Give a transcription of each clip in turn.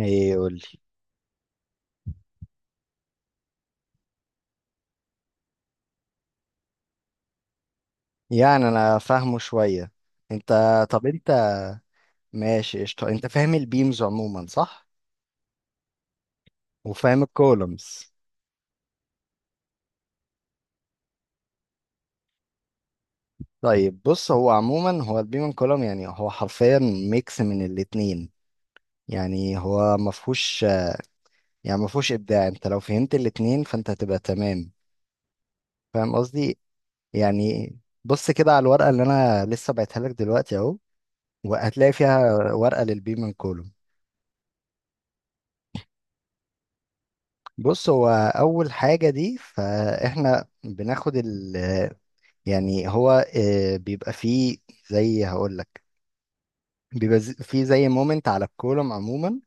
ايه قولي. يعني انا فاهمه شوية. انت، طب انت ماشي قشطة، انت فاهم البيمز عموما صح؟ وفاهم الكولومز؟ طيب بص، هو عموما هو البيم كولوم يعني هو حرفيا ميكس من الاتنين. يعني هو مفهوش، مفهوش ابداع. انت لو فهمت الاتنين فانت هتبقى تمام. فاهم قصدي؟ يعني بص كده على الورقة اللي انا لسه بعتها لك دلوقتي اهو، وهتلاقي فيها ورقة للبيم كولوم. بص هو اول حاجه دي، فاحنا بناخد ال، يعني هو بيبقى فيه، زي هقول لك، بيبقى فيه زي مومنت على الكولوم عموما،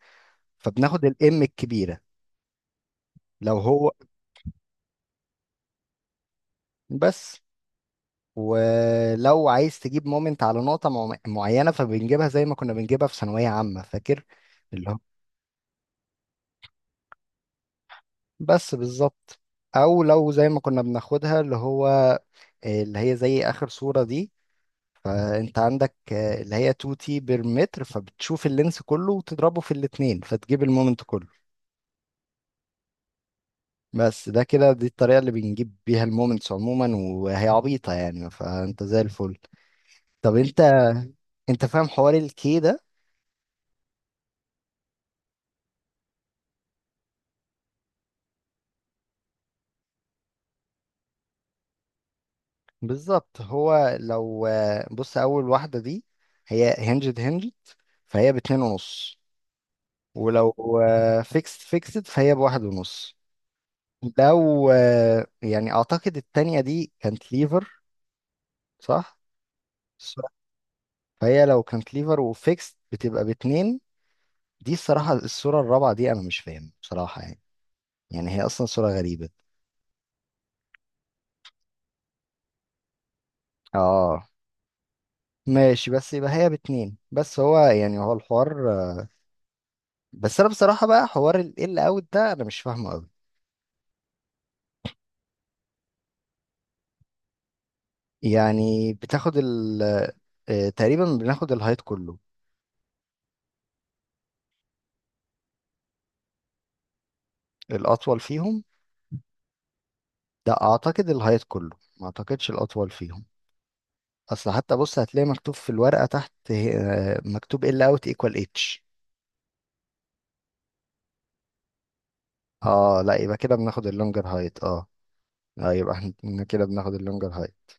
فبناخد الام الكبيره. لو هو، بس. ولو عايز تجيب مومنت على نقطه معينه، فبنجيبها زي ما كنا بنجيبها في ثانويه عامه، فاكر؟ اللي هو، بس بالظبط. او لو زي ما كنا بناخدها اللي هو اللي هي زي اخر صوره دي، فانت عندك اللي هي 2 تي بير متر، فبتشوف اللينس كله وتضربه في الاتنين فتجيب المومنت كله. بس ده كده، دي الطريقة اللي بنجيب بيها المومنتس عموما، وهي عبيطة يعني، فانت زي الفل. طب انت، انت فاهم حوار الكي ده؟ بالظبط، هو لو بص اول واحدة دي هي هنجد هنجد، فهي باتنين ونص. ولو فيكسد فيكسد فهي بواحد ونص. لو يعني اعتقد التانية دي كانت ليفر، صح؟ So فهي لو كانت ليفر وفيكس بتبقى باتنين. دي الصراحة الصورة الرابعة دي أنا مش فاهم بصراحة يعني، يعني هي أصلا صورة غريبة. اه ماشي، بس يبقى هي باتنين بس. هو يعني هو الحوار، بس أنا بصراحة بقى حوار ال أوت ده أنا مش فاهمه أوي. يعني بتاخد ال تقريبا بناخد الهايت كله. الأطول فيهم، ده أعتقد الهايت كله، ما أعتقدش الأطول فيهم. أصل حتى بص هتلاقي مكتوب في الورقة تحت مكتوب ال أوت إيكوال اتش. اه لا، يبقى كده بناخد اللونجر هايت. اه، اه يبقى احنا كده بناخد اللونجر هايت.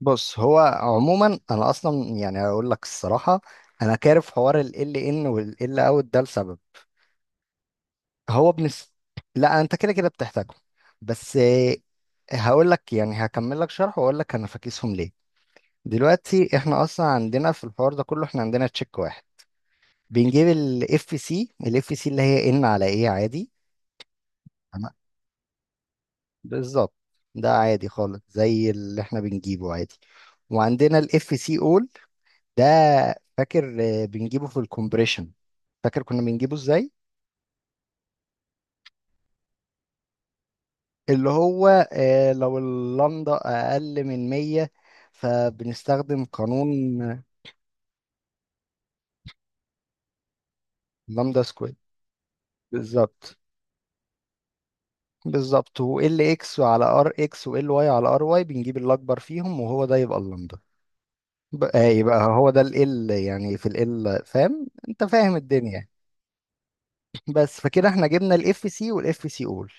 بص هو عموما انا اصلا يعني اقول لك الصراحه، انا كارف حوار ال ان وال اوت ده لسبب. هو بنس. لا انت كده كده بتحتاجهم، بس هقول لك، يعني هكمل لك شرح واقول لك انا فاكسهم ليه. دلوقتي احنا اصلا عندنا في الحوار ده كله، احنا عندنا تشيك واحد. بنجيب الاف سي اللي هي ان على ايه عادي. بالظبط، ده عادي خالص زي اللي احنا بنجيبه عادي. وعندنا الاف سي اول ده، فاكر بنجيبه في الكومبريشن؟ فاكر كنا بنجيبه ازاي؟ اللي هو لو اللمدة اقل من 100 فبنستخدم قانون لمدة سكوير. بالظبط، بالظبط. و ال اكس على ار اكس و ال واي على ار واي، بنجيب الاكبر فيهم وهو ده يبقى اللمدة. بقى يبقى هو ده ال ال، يعني في ال ال، فاهم؟ انت فاهم الدنيا. بس فكده احنا جبنا الاف سي والاف سي اول،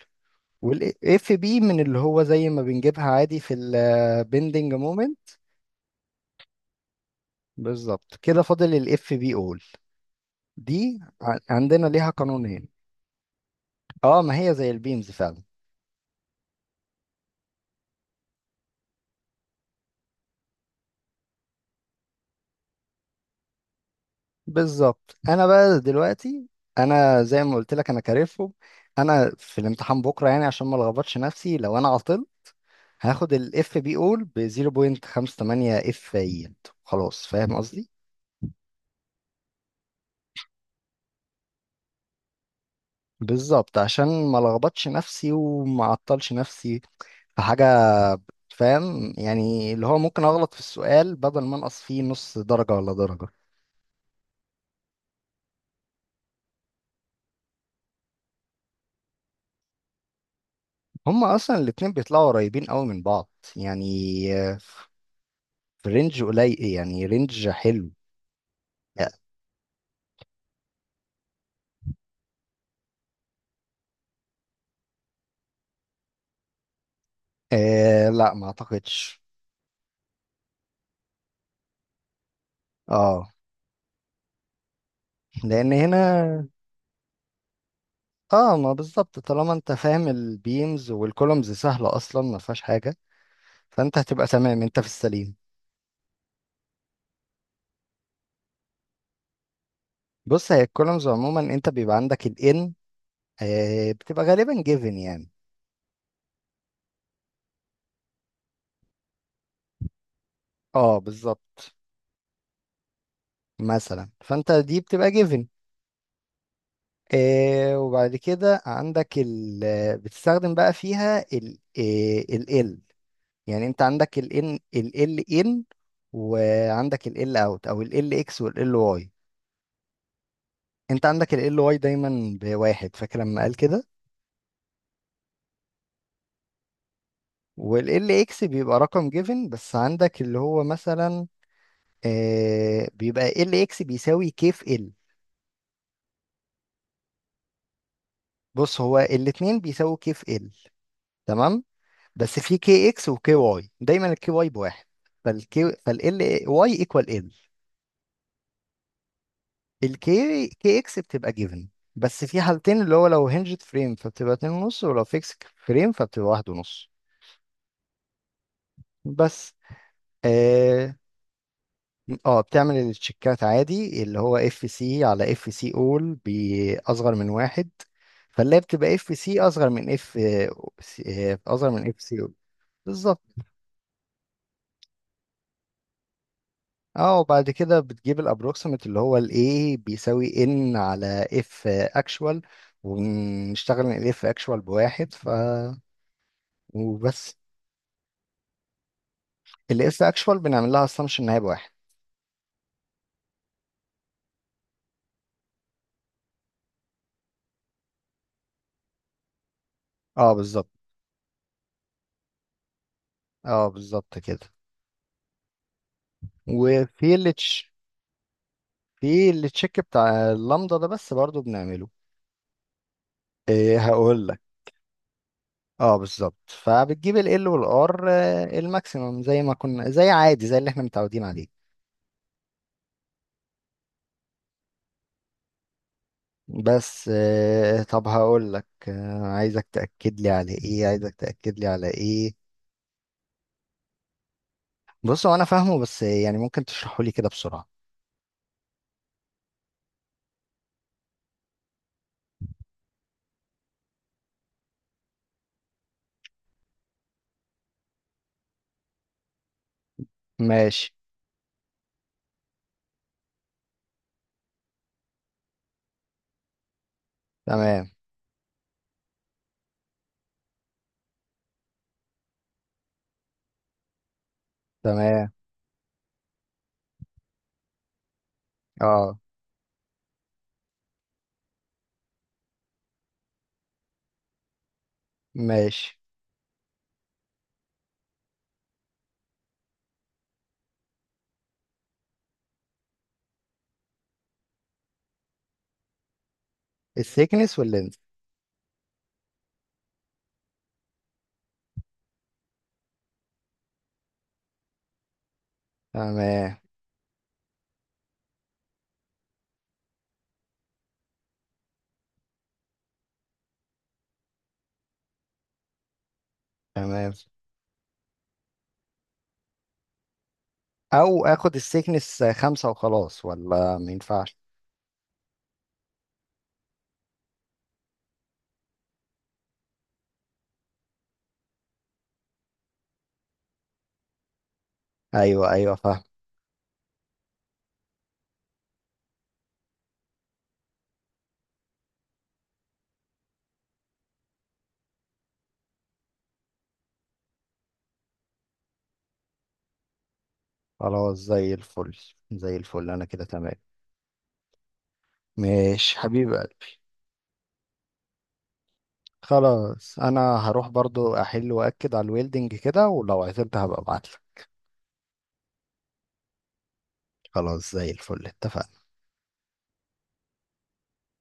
والاف بي من اللي هو زي ما بنجيبها عادي في البندنج مومنت. بالظبط كده، فاضل الاف بي اول. دي عندنا ليها قانونين. اه ما هي زي البيمز فعلا. بالظبط. انا بقى دلوقتي، انا زي ما قلت لك انا كارفهم، انا في الامتحان بكره يعني عشان ما لخبطش نفسي لو انا عطلت، هاخد الاف بي اول ب 0.58 اف يلد، خلاص. فاهم قصدي؟ بالظبط، عشان ما لخبطش نفسي وما اعطلش نفسي في حاجه. فاهم يعني، اللي هو ممكن اغلط في السؤال بدل ما انقص فيه نص درجه ولا درجه. هما اصلا الاتنين بيطلعوا قريبين قوي من بعض، يعني آه، في رينج قليل، يعني رينج حلو. آه لا ما اعتقدش. اه. لان هنا، اه ما بالظبط، طالما انت فاهم البيمز والكولومز سهله اصلا، ما فيهاش حاجه. فانت هتبقى تمام، انت في السليم. بص هي الكولومز عموما، انت بيبقى عندك ال n بتبقى غالبا جيفن يعني. اه بالظبط، مثلا فانت دي بتبقى جيفن. آه وبعد كده عندك ال، بتستخدم بقى فيها ال ال، يعني انت عندك ال ان ال ال ان، وعندك ال ال اوت او ال ال اكس وال ال واي. انت عندك ال ال واي دايما بواحد، فاكر لما قال كده؟ وال ال اكس بيبقى رقم جيفن، بس عندك اللي هو مثلا بيبقى ال اكس بيساوي كيف ال. بص هو الاتنين بيساوي كيف ال، تمام؟ بس في كي اكس وكي واي، دايما الكي واي بواحد. فالكي فال واي ايكوال ال. الكي كي اكس بتبقى جيفن، بس في حالتين، اللي هو لو هنجد فريم فبتبقى اتنين ونص، ولو فيكس فريم فبتبقى واحد ونص. بس. اه بتعمل التشيكات عادي، اللي هو اف سي على اف سي اول باصغر من واحد، فاللي هي بتبقى اف سي اصغر من اف سي اول. بالظبط. اه وبعد كده بتجيب الابروكسيمت، اللي هو الايه بيساوي ان على اف اكشوال. ونشتغل ان الاف اكشوال بواحد، ف، وبس. الاف اكشوال بنعمل لها اسامبشن ان هي بواحد. اه بالظبط. اه بالظبط كده. وفي في اللي تشيك بتاع اللامدا ده بس برضو بنعمله، إيه، هقول لك. اه بالظبط، فبتجيب ال L وال R الماكسيمم زي ما كنا، زي عادي زي اللي احنا متعودين عليه. بس طب هقول لك عايزك تأكد لي على ايه. بص هو انا فاهمه، بس يعني ممكن تشرحه لي كده بسرعة. ماشي. تمام، تمام. اه، ماشي. السيكنس واللينز. تمام، تمام. او اخد السيكنس خمسة وخلاص، ولا ما ينفعش؟ ايوه، ايوه فاهم. خلاص زي الفل، زي الفل، انا كده تمام. ماشي حبيب قلبي. خلاص، انا هروح برضو احل واكد على الويلدنج كده، ولو عزمت هبقى ابعتلك. خلاص زي الفل، اتفقنا.